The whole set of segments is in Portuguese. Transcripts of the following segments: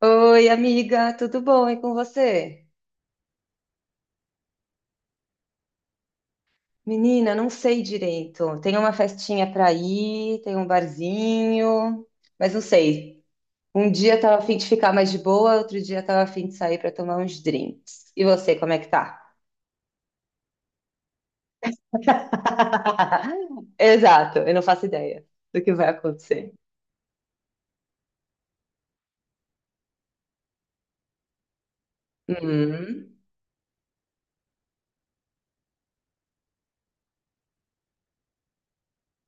Oi, amiga, tudo bom? E com você? Menina, não sei direito. Tem uma festinha para ir, tem um barzinho, mas não sei. Um dia tava a fim de ficar mais de boa, outro dia tava a fim de sair para tomar uns drinks. E você, como é que tá? Exato, eu não faço ideia do que vai acontecer. Hum,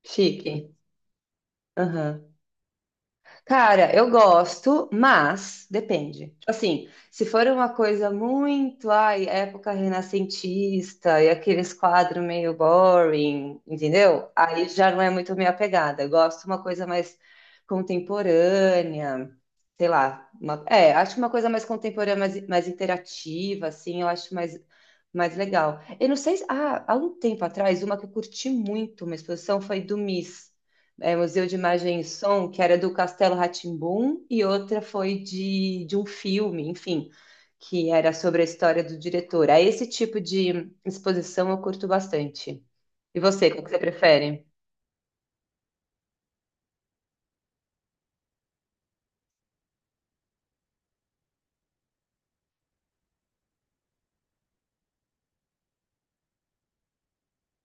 chique. Cara, eu gosto, mas depende. Tipo assim, se for uma coisa muito, ai, época renascentista e aqueles quadros meio boring, entendeu? Aí já não é muito minha pegada. Eu gosto de uma coisa mais contemporânea, sei lá, acho uma coisa mais contemporânea, mais interativa, assim, eu acho mais legal. Eu não sei, há um tempo atrás, uma que eu curti muito, uma exposição foi do Museu de Imagem e Som, que era do Castelo rá e outra foi de um filme, enfim, que era sobre a história do diretor. Aí esse tipo de exposição eu curto bastante. E você, qual que você prefere?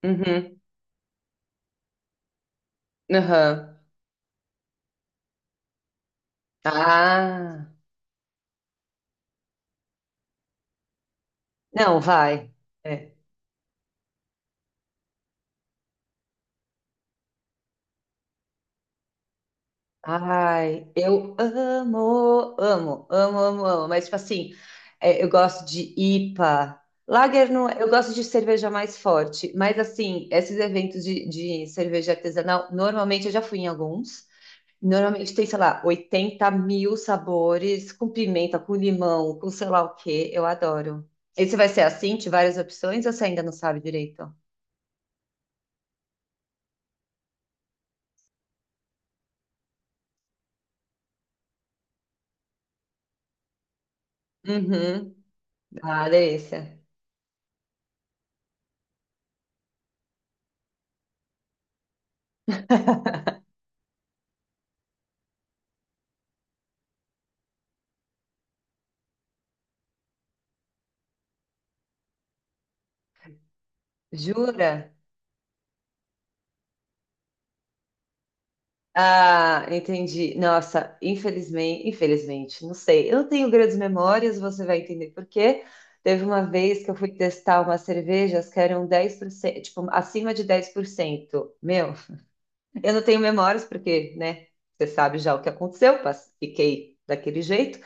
Uhum, aham. Ah, não, vai. É. Ai, eu amo, amo, amo, amo, amo. Mas, tipo assim, eu gosto de IPA. Lager não, eu gosto de cerveja mais forte. Mas, assim, esses eventos de cerveja artesanal, normalmente eu já fui em alguns. Normalmente tem, sei lá, 80 mil sabores, com pimenta, com limão, com sei lá o quê. Eu adoro. Esse vai ser assim, de várias opções, ou você ainda não sabe direito? Uhum. Ah, delícia. Jura? Ah, entendi. Nossa, infelizmente, infelizmente, não sei. Eu não tenho grandes memórias, você vai entender por quê. Teve uma vez que eu fui testar umas cervejas que eram 10%, tipo, acima de 10%. Meu, eu não tenho memórias porque, né, você sabe já o que aconteceu, fiquei daquele jeito,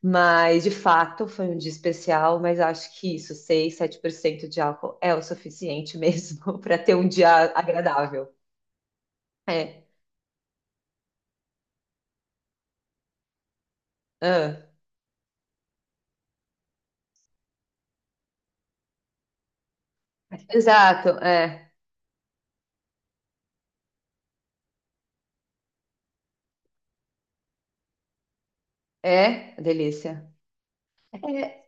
mas de fato foi um dia especial, mas acho que isso, 6, 7% de álcool é o suficiente mesmo para ter um dia agradável. É. Ah. Exato, é. É, delícia. É,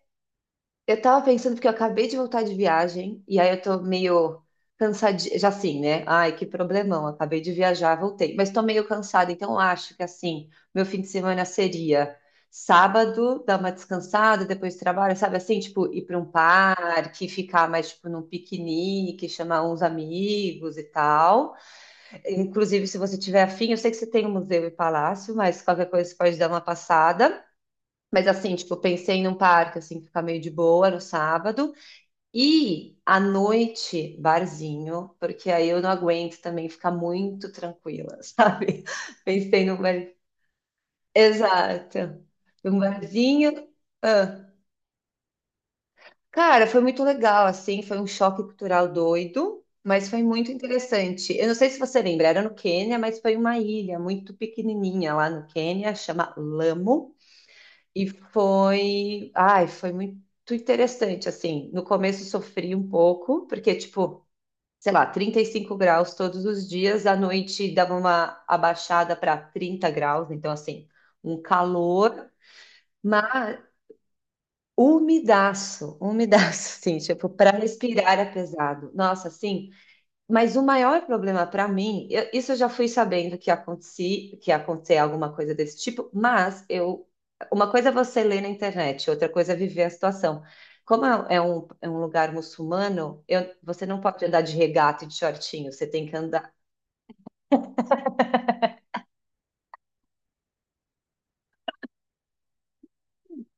eu tava pensando porque eu acabei de voltar de viagem e aí eu tô meio cansadinha, já assim, né? Ai, que problemão, acabei de viajar, voltei, mas tô meio cansada, então eu acho que assim, meu fim de semana seria sábado, dar uma descansada, depois trabalho, sabe assim, tipo, ir pra um parque, ficar mais tipo num piquenique, chamar uns amigos e tal. Inclusive, se você tiver afim, eu sei que você tem o Museu e Palácio, mas qualquer coisa você pode dar uma passada. Mas assim, tipo, eu pensei num parque, assim, ficar meio de boa no sábado. E à noite, barzinho, porque aí eu não aguento também ficar muito tranquila, sabe? Pensei num bar. Exato. Um barzinho. Ah. Cara, foi muito legal, assim, foi um choque cultural doido, mas foi muito interessante. Eu não sei se você lembra, era no Quênia, mas foi uma ilha muito pequenininha lá no Quênia, chama Lamo. E foi muito interessante, assim, no começo sofri um pouco, porque, tipo, sei lá, 35 graus todos os dias, à noite dava uma abaixada para 30 graus, então, assim, um calor, mas umidaço, umidaço, assim, tipo, para respirar é pesado. Nossa, assim, mas o maior problema para mim, isso eu já fui sabendo que acontecia, que ia acontecer alguma coisa desse tipo, mas eu, uma coisa é você ler na internet, outra coisa é viver a situação. Como é um lugar muçulmano, você não pode andar de regata e de shortinho, você tem que andar.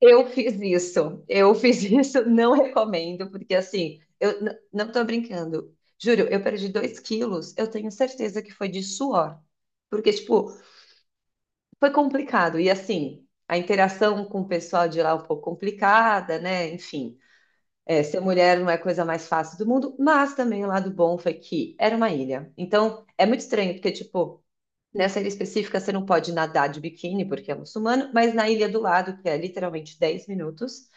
Eu fiz isso, eu fiz isso, não recomendo, porque assim, eu não estou brincando. Juro, eu perdi 2 quilos, eu tenho certeza que foi de suor. Porque, tipo, foi complicado. E assim, a interação com o pessoal de lá é um pouco complicada, né? Enfim, ser mulher não é a coisa mais fácil do mundo, mas também o lado bom foi que era uma ilha. Então, é muito estranho, porque, tipo, nessa ilha específica você não pode nadar de biquíni, porque é muçulmano, mas na ilha do lado, que é literalmente 10 minutos,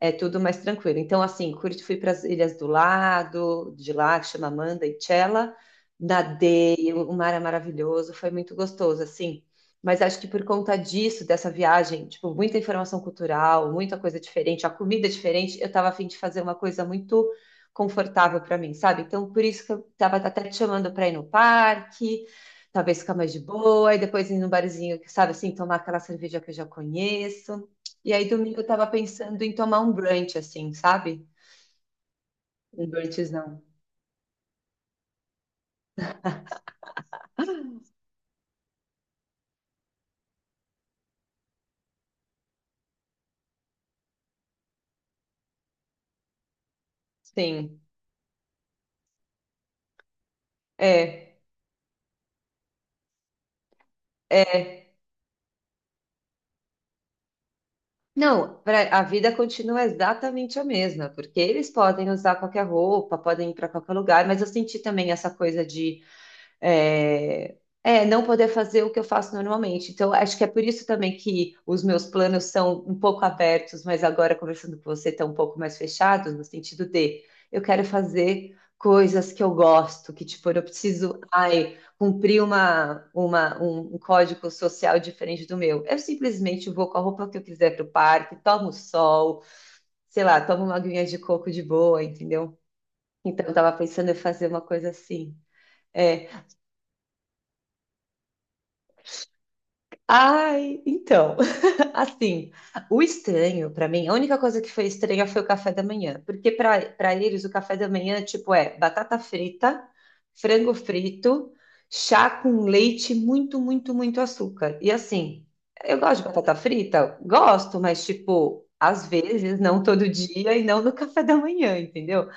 é tudo mais tranquilo. Então, assim, curti, fui para as ilhas do lado, de lá, que chama Manda e Chela, nadei, o mar é maravilhoso, foi muito gostoso, assim. Mas acho que por conta disso, dessa viagem, tipo, muita informação cultural, muita coisa diferente, a comida é diferente, eu estava a fim de fazer uma coisa muito confortável para mim, sabe? Então, por isso que eu estava até te chamando para ir no parque, talvez ficar mais de boa, e depois ir num barzinho, sabe, assim, tomar aquela cerveja que eu já conheço. E aí, domingo eu tava pensando em tomar um brunch, assim, sabe? Um brunchzão. Sim. É. É. Não, a vida continua exatamente a mesma, porque eles podem usar qualquer roupa, podem ir para qualquer lugar, mas eu senti também essa coisa de É, não poder fazer o que eu faço normalmente. Então, acho que é por isso também que os meus planos são um pouco abertos, mas agora conversando com você, estão um pouco mais fechados, no sentido de eu quero fazer coisas que eu gosto, que tipo, eu preciso, ai, cumprir um código social diferente do meu. Eu simplesmente vou com a roupa que eu quiser para o parque, tomo sol, sei lá, tomo uma aguinha de coco de boa, entendeu? Então, eu tava pensando em fazer uma coisa assim. é Ai, então, assim, o estranho pra mim, a única coisa que foi estranha foi o café da manhã, porque pra para eles o café da manhã tipo é batata frita, frango frito, chá com leite, muito, muito, muito açúcar. E assim, eu gosto de batata frita, gosto, mas tipo às vezes, não todo dia e não no café da manhã, entendeu?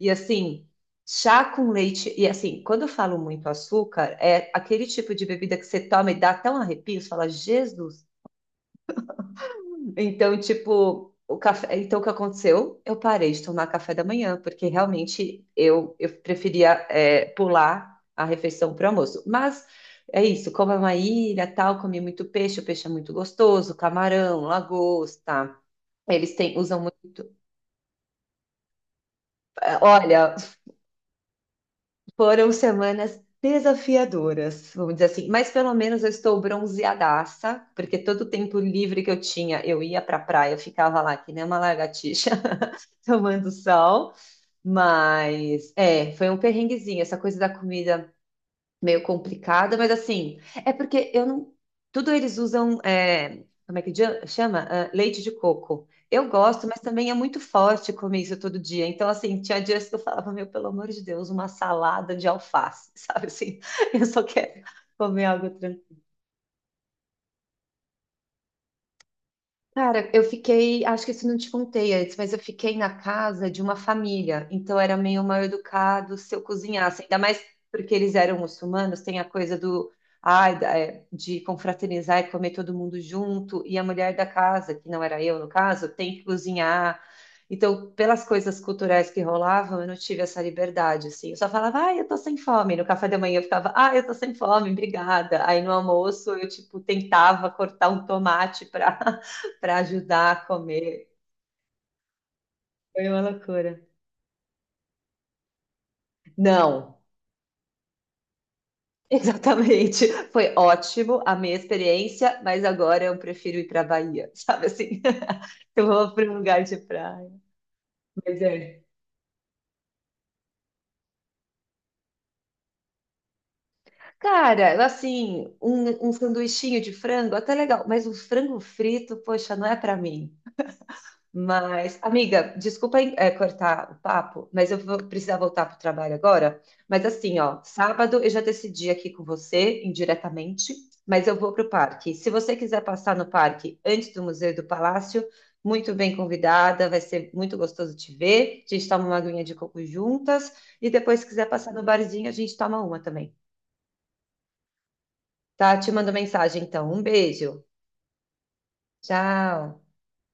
E assim, chá com leite, e assim, quando eu falo muito açúcar, é aquele tipo de bebida que você toma e dá até um arrepio, você fala, Jesus então, tipo, o café, então o que aconteceu? Eu parei de tomar café da manhã, porque realmente eu preferia pular a refeição para o almoço. Mas é isso, como é uma ilha, tal, comi muito peixe, o peixe é muito gostoso, camarão, lagosta. Eles têm, usam muito. Olha, foram semanas desafiadoras, vamos dizer assim, mas pelo menos eu estou bronzeadaça, porque todo o tempo livre que eu tinha, eu ia para a praia, eu ficava lá que nem uma lagartixa tomando sol. Mas, foi um perrenguezinho, essa coisa da comida meio complicada, mas assim, é porque eu não. Tudo eles usam, como é que chama? Ah, leite de coco. Eu gosto, mas também é muito forte comer isso todo dia. Então, assim, tinha dias que eu falava, meu, pelo amor de Deus, uma salada de alface, sabe assim? Eu só quero comer algo. Cara, eu fiquei, acho que isso não te contei antes, mas eu fiquei na casa de uma família, então era meio mal educado se eu cozinhasse, ainda mais porque eles eram muçulmanos, tem a coisa do, ai, da- é, de confraternizar e comer todo mundo junto, e a mulher da casa, que não era eu no caso, tem que cozinhar. Então, pelas coisas culturais que rolavam, eu não tive essa liberdade, assim. Eu só falava, ai, eu tô sem fome. No café da manhã eu ficava, ai, eu tô sem fome, obrigada. Aí no almoço eu, tipo, tentava cortar um tomate para ajudar a comer. Foi uma loucura. Não, exatamente. Foi ótimo a minha experiência, mas agora eu prefiro ir para Bahia, sabe assim? Eu vou para um lugar de praia. Mas é. Cara, assim, um sanduichinho de frango, até legal, mas um frango frito, poxa, não é para mim. Mas, amiga, desculpa, cortar o papo, mas eu vou precisar voltar para o trabalho agora. Mas assim, ó, sábado eu já decidi aqui com você, indiretamente, mas eu vou para o parque. Se você quiser passar no parque antes do Museu do Palácio, muito bem convidada, vai ser muito gostoso te ver. A gente toma uma aguinha de coco juntas e depois, se quiser passar no barzinho, a gente toma uma também. Tá? Te mando mensagem então. Um beijo. Tchau.